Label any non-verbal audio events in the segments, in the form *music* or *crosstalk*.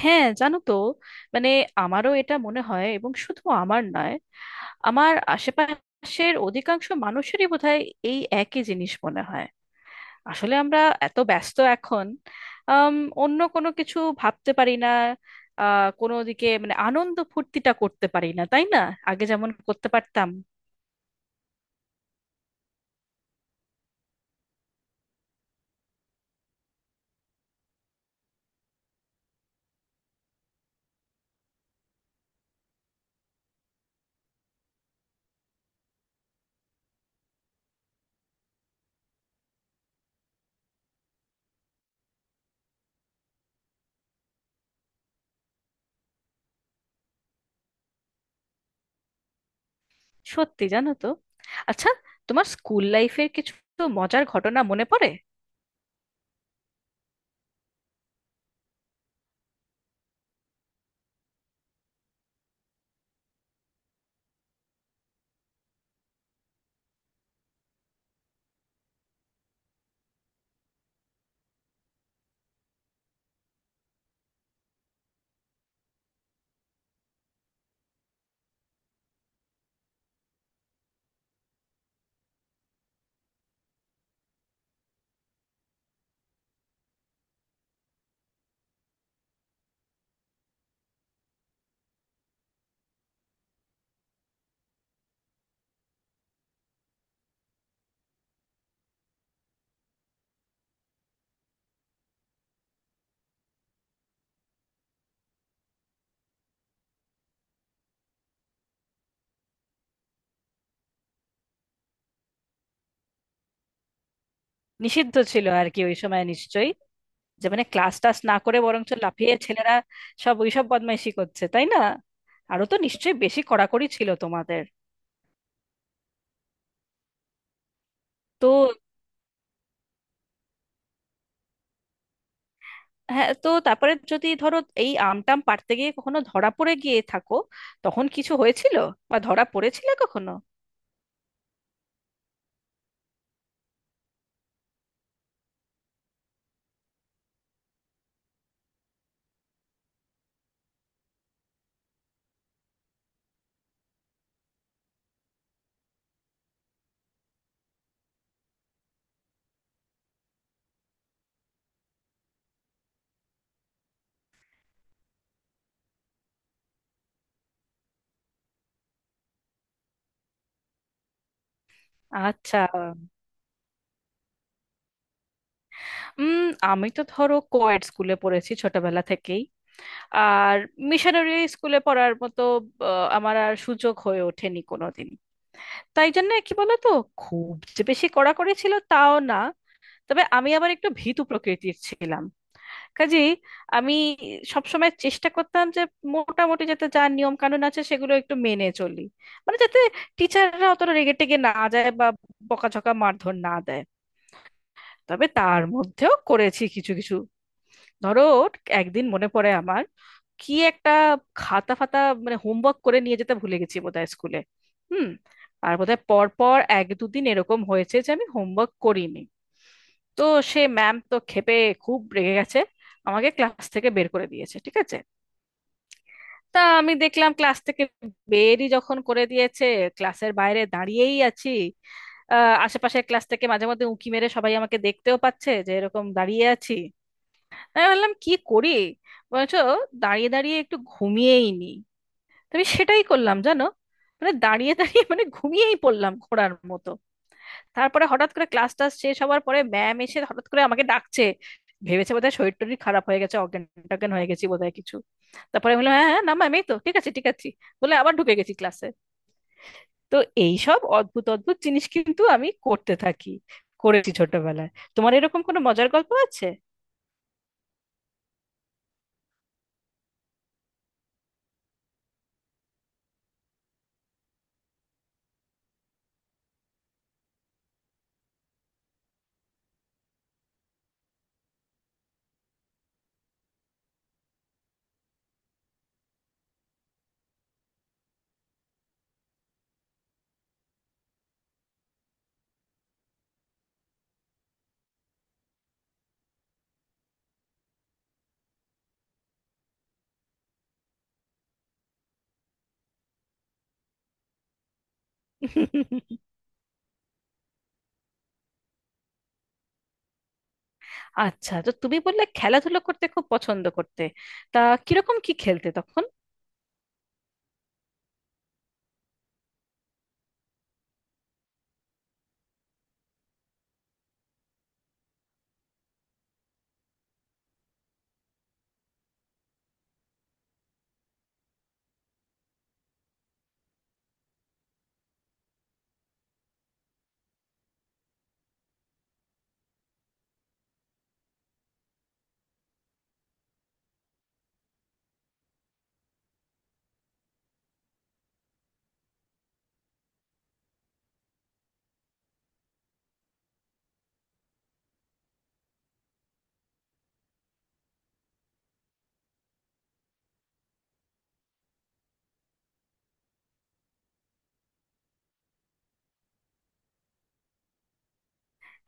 হ্যাঁ, জানো তো, মানে আমারও এটা মনে হয়, এবং শুধু আমার নয়, আমার আশেপাশের অধিকাংশ মানুষেরই বোধহয় এই একই জিনিস মনে হয়। আসলে আমরা এত ব্যস্ত এখন, আম, অন্য কোনো কিছু ভাবতে পারি না। কোনো দিকে মানে আনন্দ ফুর্তিটা করতে পারি না, তাই না? আগে যেমন করতে পারতাম। সত্যি, জানো তো। আচ্ছা, তোমার স্কুল লাইফের কিছু মজার ঘটনা মনে পড়ে? নিষিদ্ধ ছিল আর কি ওই সময় নিশ্চয়ই। যে মানে ক্লাস টাস না করে বরঞ্চ লাফিয়ে ছেলেরা সব ওইসব বদমাইশি করছে, তাই না? আরো তো নিশ্চয়ই বেশি কড়াকড়ি ছিল তোমাদের। তো হ্যাঁ, তো তারপরে যদি ধরো এই আমটাম পাড়তে গিয়ে কখনো ধরা পড়ে গিয়ে থাকো, তখন কিছু হয়েছিল? বা ধরা পড়েছিলে কখনো? আচ্ছা, উম আমি তো ধরো কোয়েড স্কুলে পড়েছি ছোটবেলা থেকেই। আর মিশনারি স্কুলে পড়ার মতো আমার আর সুযোগ হয়ে ওঠেনি কোনোদিন। তাই জন্য কি বলতো, খুব যে বেশি কড়াকড়ি ছিল তাও না, তবে আমি আবার একটু ভীতু প্রকৃতির ছিলাম। কাজেই আমি সবসময় চেষ্টা করতাম যে মোটামুটি যাতে যা নিয়ম কানুন আছে সেগুলো একটু মেনে চলি, মানে যাতে টিচাররা অতটা রেগে টেগে না যায় বা বকাঝকা মারধর না দেয়। তবে তার মধ্যেও করেছি কিছু কিছু। ধরো, একদিন মনে পড়ে আমার, কি একটা খাতা ফাতা মানে হোমওয়ার্ক করে নিয়ে যেতে ভুলে গেছি বোধহয় স্কুলে। হুম। আর বোধহয় পর পর এক দুদিন এরকম হয়েছে যে আমি হোমওয়ার্ক করিনি। তো সে ম্যাম তো ক্ষেপে, খুব রেগে গেছে, আমাকে ক্লাস থেকে বের করে দিয়েছে, ঠিক আছে। তা আমি দেখলাম ক্লাস থেকে বেরই যখন করে দিয়েছে, ক্লাসের বাইরে দাঁড়িয়েই আছি। আশেপাশের ক্লাস থেকে মাঝে মধ্যে উঁকি মেরে সবাই আমাকে দেখতেও পাচ্ছে যে এরকম দাঁড়িয়ে আছি। আমি ভাবলাম কি করি, বলছো দাঁড়িয়ে দাঁড়িয়ে একটু ঘুমিয়েই নি। তো আমি সেটাই করলাম, জানো, মানে দাঁড়িয়ে দাঁড়িয়ে মানে ঘুমিয়েই পড়লাম ঘোড়ার মতো। তারপরে হঠাৎ করে ক্লাস টাস শেষ হওয়ার পরে ম্যাম এসে হঠাৎ করে আমাকে ডাকছে। ভেবেছে বোধহয় শরীর টরীর খারাপ হয়ে গেছে, অজ্ঞান টজ্ঞান হয়ে গেছি বোধহয় কিছু। তারপরে বললাম, হ্যাঁ হ্যাঁ, না ম্যাম এই তো ঠিক আছে, ঠিক আছে, বলে আবার ঢুকে গেছি ক্লাসে। তো এইসব অদ্ভুত অদ্ভুত জিনিস কিন্তু আমি করতে থাকি, করেছি ছোটবেলায়। তোমার এরকম কোনো মজার গল্প আছে? *laughs* আচ্ছা, তো তুমি বললে খেলাধুলো করতে খুব পছন্দ করতে। তা কিরকম কি খেলতে তখন?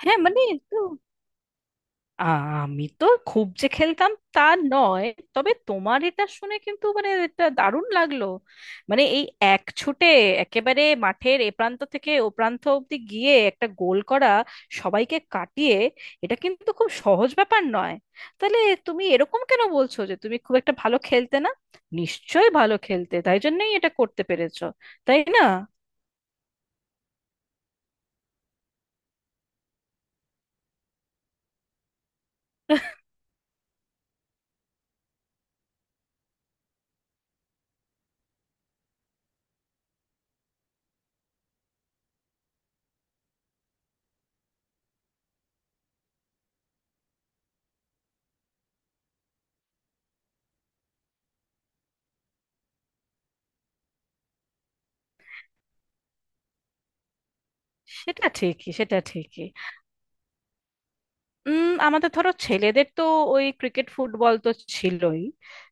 হ্যাঁ, মানে আমি তো খুব যে খেলতাম তা নয়, তবে তোমার এটা শুনে কিন্তু মানে এটা দারুণ লাগলো। মানে এই এক ছুটে একেবারে মাঠের এ প্রান্ত থেকে ও প্রান্ত অব্দি গিয়ে একটা গোল করা, সবাইকে কাটিয়ে, এটা কিন্তু খুব সহজ ব্যাপার নয়। তাহলে তুমি এরকম কেন বলছো যে তুমি খুব একটা ভালো খেলতে না? নিশ্চয়ই ভালো খেলতে তাই জন্যই এটা করতে পেরেছো, তাই না? *laughs* সেটা ঠিকই, সেটা ঠিকই। আমাদের ধরো ছেলেদের তো ওই ক্রিকেট ফুটবল তো ছিলই।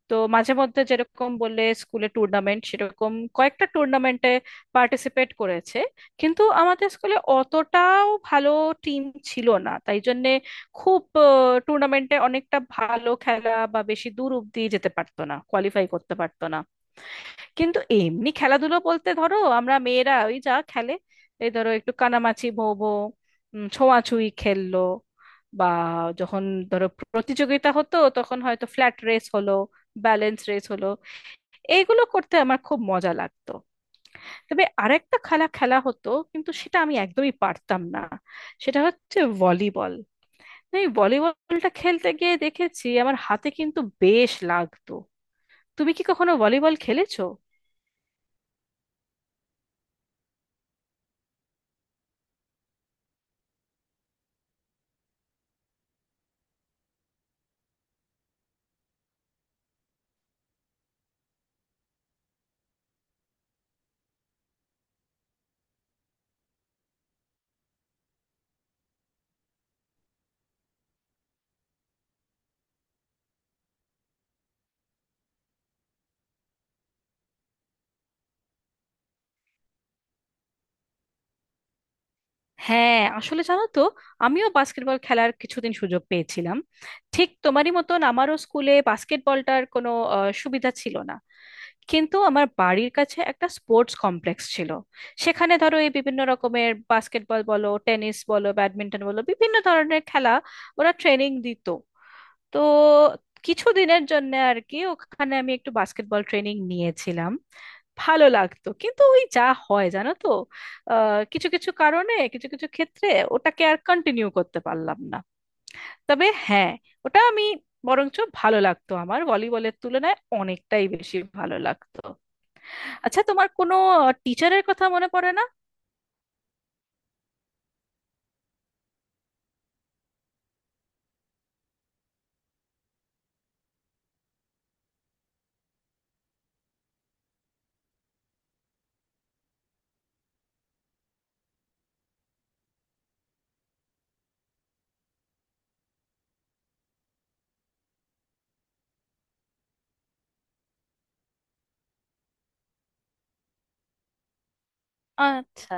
তো মাঝে মধ্যে যেরকম বললে স্কুলে টুর্নামেন্ট, সেরকম কয়েকটা টুর্নামেন্টে পার্টিসিপেট করেছে, কিন্তু আমাদের স্কুলে অতটাও ভালো টিম ছিল না, তাই জন্যে খুব টুর্নামেন্টে অনেকটা ভালো খেলা বা বেশি দূর অব্দি যেতে পারতো না, কোয়ালিফাই করতে পারতো না। কিন্তু এমনি খেলাধুলো বলতে ধরো আমরা মেয়েরা ওই যা খেলে, এই ধরো একটু কানামাছি ভো ভো, ছোঁয়াছুঁয়ি খেললো, বা যখন ধরো প্রতিযোগিতা হতো তখন হয়তো ফ্ল্যাট রেস হলো, ব্যালেন্স রেস হলো, এইগুলো করতে আমার খুব মজা লাগতো। তবে আরেকটা খেলা খেলা হতো কিন্তু সেটা আমি একদমই পারতাম না, সেটা হচ্ছে ভলিবল। এই ভলিবলটা খেলতে গিয়ে দেখেছি আমার হাতে কিন্তু বেশ লাগতো। তুমি কি কখনো ভলিবল খেলেছো? হ্যাঁ, আসলে জানো তো, আমিও বাস্কেটবল খেলার কিছুদিন সুযোগ পেয়েছিলাম। ঠিক তোমারই মতন আমারও স্কুলে বাস্কেটবলটার কোনো সুবিধা ছিল না, কিন্তু আমার বাড়ির কাছে একটা স্পোর্টস কমপ্লেক্স ছিল। সেখানে ধরো এই বিভিন্ন রকমের বাস্কেটবল বলো, টেনিস বলো, ব্যাডমিন্টন বলো, বিভিন্ন ধরনের খেলা ওরা ট্রেনিং দিত। তো কিছুদিনের জন্য আর কি ওখানে আমি একটু বাস্কেটবল ট্রেনিং নিয়েছিলাম। ভালো লাগতো, কিন্তু ওই যা হয় জানো তো, কিছু কিছু কারণে কিছু কিছু ক্ষেত্রে ওটাকে আর কন্টিনিউ করতে পারলাম না। তবে হ্যাঁ, ওটা আমি বরঞ্চ ভালো লাগতো, আমার ভলিবলের তুলনায় অনেকটাই বেশি ভালো লাগতো। আচ্ছা, তোমার কোনো টিচারের কথা মনে পড়ে না? আচ্ছা,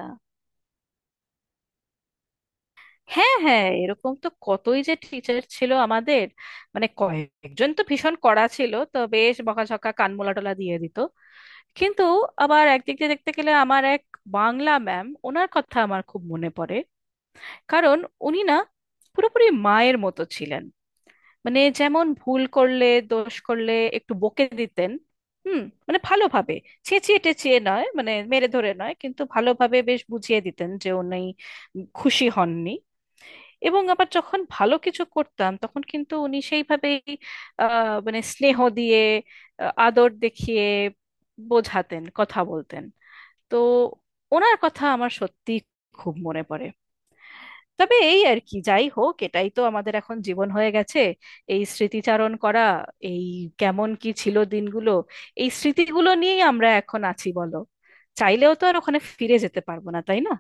হ্যাঁ হ্যাঁ, এরকম তো কতই যে টিচার ছিল আমাদের। মানে কয়েকজন তো ভীষণ কড়া ছিল, তো বেশ বকাঝকা কানমোলা টোলা দিয়ে দিত। কিন্তু আবার একদিক দিয়ে দেখতে গেলে আমার এক বাংলা ম্যাম, ওনার কথা আমার খুব মনে পড়ে। কারণ উনি না পুরোপুরি মায়ের মতো ছিলেন। মানে যেমন ভুল করলে, দোষ করলে একটু বকে দিতেন। হুম। মানে ভালোভাবে, চেঁচিয়ে টেঁচিয়ে নয়, মানে মেরে ধরে নয়, কিন্তু ভালোভাবে বেশ বুঝিয়ে দিতেন যে উনি খুশি হননি। এবং আবার যখন ভালো কিছু করতাম তখন কিন্তু উনি সেইভাবেই মানে স্নেহ দিয়ে, আদর দেখিয়ে বোঝাতেন, কথা বলতেন। তো ওনার কথা আমার সত্যি খুব মনে পড়ে। তবে এই আর কি, যাই হোক, এটাই তো আমাদের এখন জীবন হয়ে গেছে, এই স্মৃতিচারণ করা, এই কেমন কি ছিল দিনগুলো, এই স্মৃতিগুলো নিয়েই আমরা এখন আছি, বলো। চাইলেও তো আর ওখানে ফিরে যেতে পারবো না, তাই না?